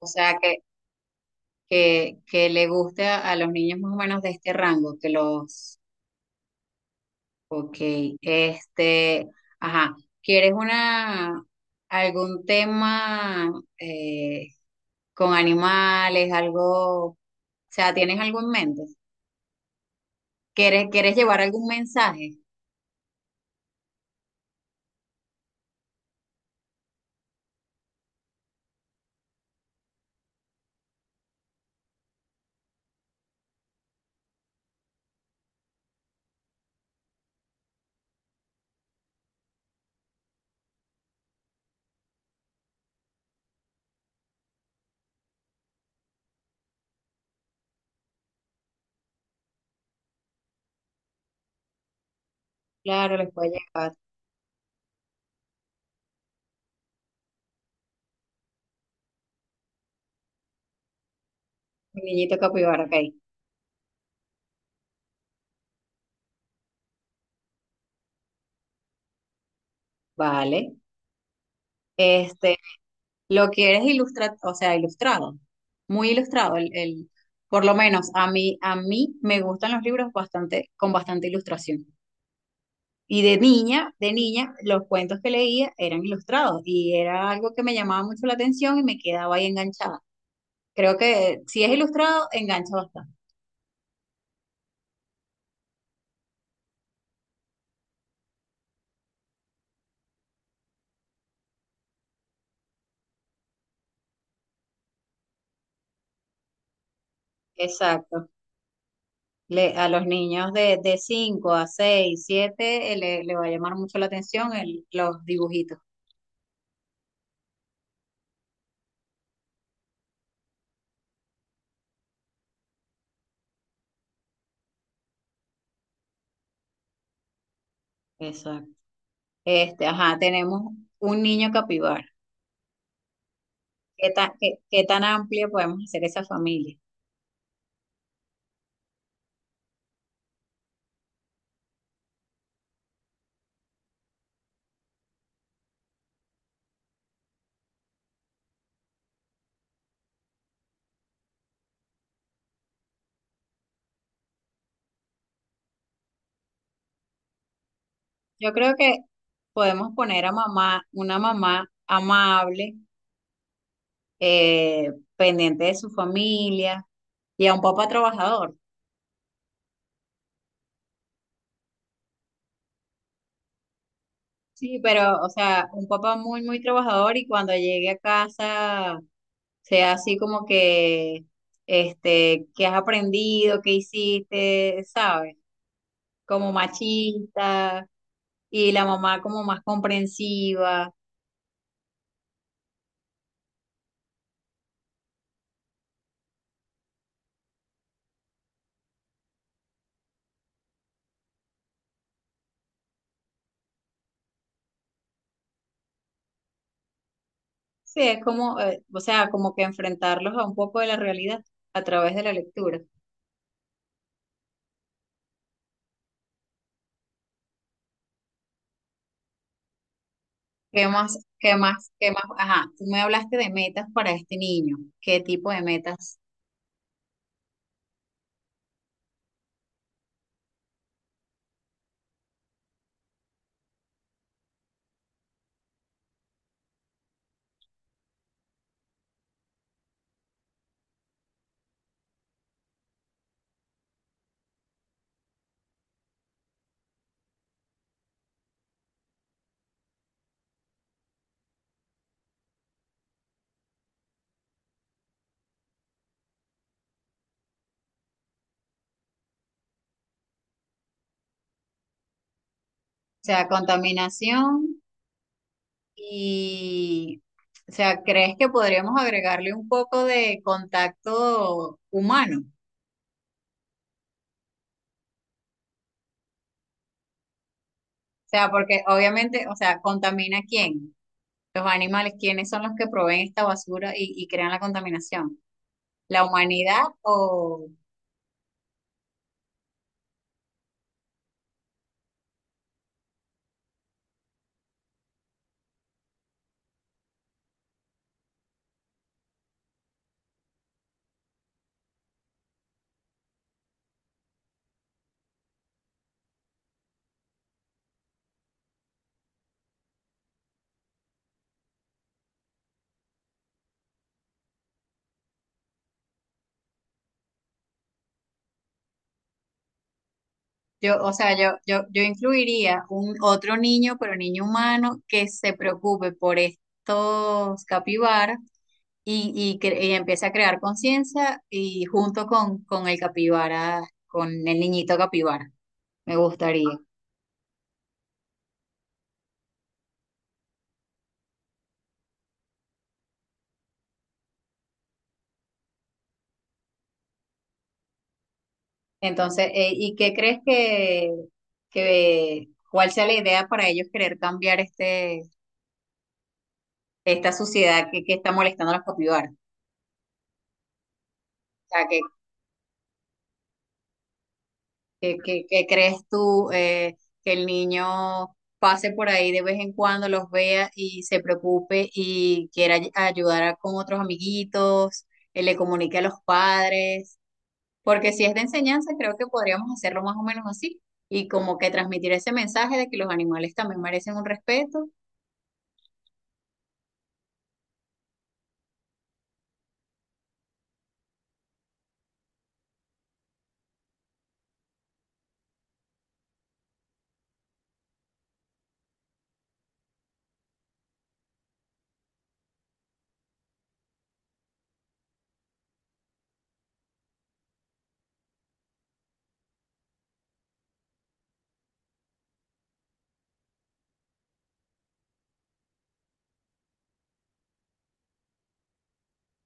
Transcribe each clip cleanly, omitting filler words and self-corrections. O sea, que, que le guste a los niños más o menos de este rango, que los, ok, este, ajá, ¿quieres una, algún tema eh, con animales, algo, o sea, ¿tienes algo en mente? ¿Quieres llevar algún mensaje? Claro, les puedo llevar. Mi niñito capibara, ok, vale. este. Lo que eres ilustrado, o sea, ilustrado, muy ilustrado. Por lo menos a mí me gustan los libros bastante, con bastante ilustración. Y de niña, los cuentos que leía eran ilustrados y era algo que me llamaba mucho la atención y me quedaba ahí enganchada. Creo que si es ilustrado, engancha bastante. Exacto. Le, a los niños de 5 a 6 7 le va a llamar mucho la atención el, los dibujitos. Exacto. Este, ajá, tenemos un niño capibara. ¿Qué tan, qué, qué tan amplia podemos hacer esa familia? Yo creo que podemos poner a mamá, una mamá amable, eh, pendiente de su familia y a un papá trabajador. Sí, pero, o sea, un papá muy, muy trabajador y cuando llegue a casa sea así como que, este, ¿qué has aprendido? ¿Qué hiciste? ¿Sabes? Como machista y la mamá como más comprensiva. Sí, es como, o sea, como que enfrentarlos a un poco de la realidad a través de la lectura. ¿Qué más, qué más, qué más? Ajá, tú me hablaste de metas para este niño. ¿Qué tipo de metas? O sea, contaminación y, o sea, ¿crees que podríamos agregarle un poco de contacto humano? O sea, porque obviamente, o sea, ¿contamina quién? Los animales, ¿quiénes son los que proveen esta basura y crean la contaminación? ¿La humanidad o Yo, o sea, yo incluiría un otro niño, pero niño humano, que se preocupe por estos capibaras y empiece a crear conciencia y junto con el capibara, con el niñito capibara, me gustaría. Entonces, ¿y qué crees que cuál sea la idea para ellos querer cambiar este, esta sociedad que está molestando a los capibaras? O sea, ¿Qué, qué- qué crees tú que el niño pase por ahí de vez en cuando, los vea y se preocupe y quiera ay- ayudar a- con otros amiguitos, le comunique a los padres? Porque si es de enseñanza, creo que podríamos hacerlo más o menos así y como que transmitir ese mensaje de que los animales también merecen un respeto,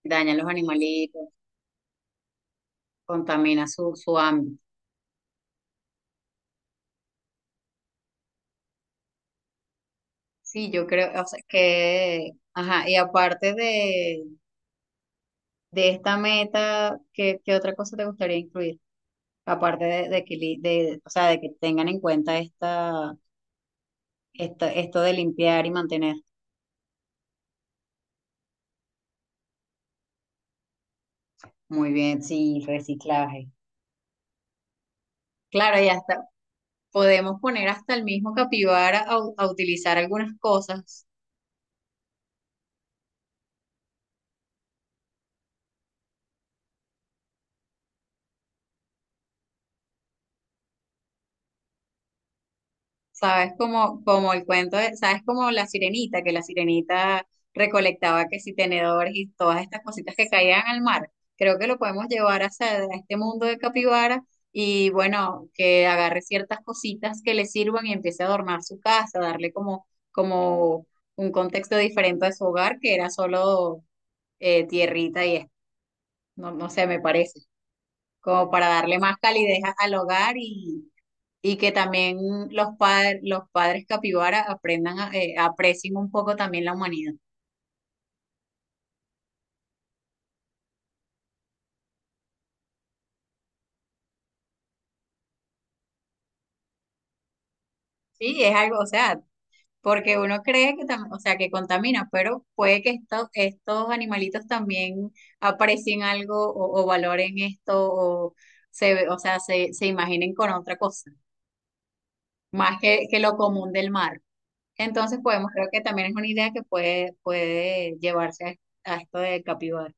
dañan los animalitos, contamina su, su ámbito. Sí, yo creo, o sea, que, ajá, y aparte de esta meta, ¿qué, qué otra cosa te gustaría incluir? Aparte de que, li- de, o sea, de que tengan en cuenta esta, esta, esto de limpiar y mantener. Muy bien, sí, reciclaje. Claro, y hasta podemos poner hasta el mismo capibara a, u- a utilizar algunas cosas. Sabes como, como el cuento de, sabes como la sirenita, que la sirenita recolectaba que si tenedores y todas estas cositas que caían al mar. Creo que lo podemos llevar hacia a este mundo de capibara y bueno, que agarre ciertas cositas que le sirvan y empiece a adornar su casa, darle como, como un contexto diferente a su hogar, que era solo tierrita y esto. No, no sé, me parece, como para darle más calidez a- al hogar y que también los, pa- los padres capibara aprendan, a- aprecien un poco también la humanidad. Sí, es algo, o sea, porque uno cree que, tam- o sea, que contamina, pero puede que esto- estos animalitos también aprecien algo o valoren esto o, se, ve- o sea, se imaginen con otra cosa, más que lo común del mar. Entonces podemos, creo que también es una idea que puede, puede llevarse a esto de capibara.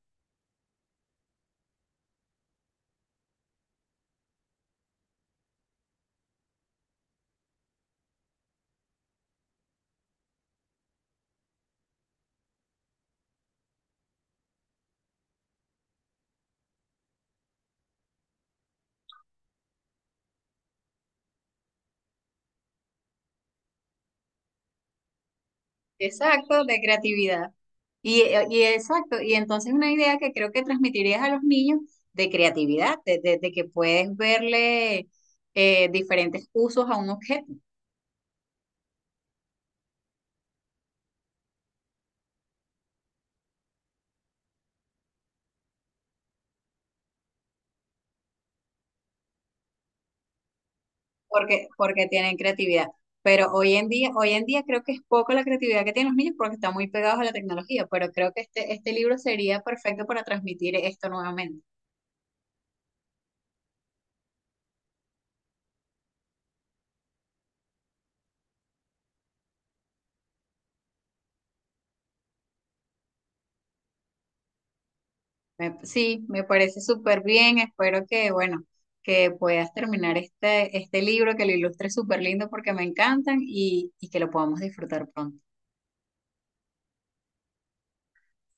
Exacto, de creatividad. Y exacto, y entonces una idea que creo que transmitirías a los niños de creatividad, de que puedes verle diferentes usos a un objeto, porque, porque tienen creatividad. Pero hoy en día creo que es poco la creatividad que tienen los niños porque están muy pegados a la tecnología, pero creo que este libro sería perfecto para transmitir esto nuevamente. Me- sí, me parece súper bien. Espero que, bueno, que puedas terminar este, este libro, que lo ilustres súper lindo porque me encantan y que lo podamos disfrutar pronto.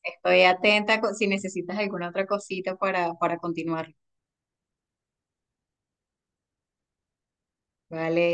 Estoy atenta co- si necesitas alguna otra cosita para continuar. Vale.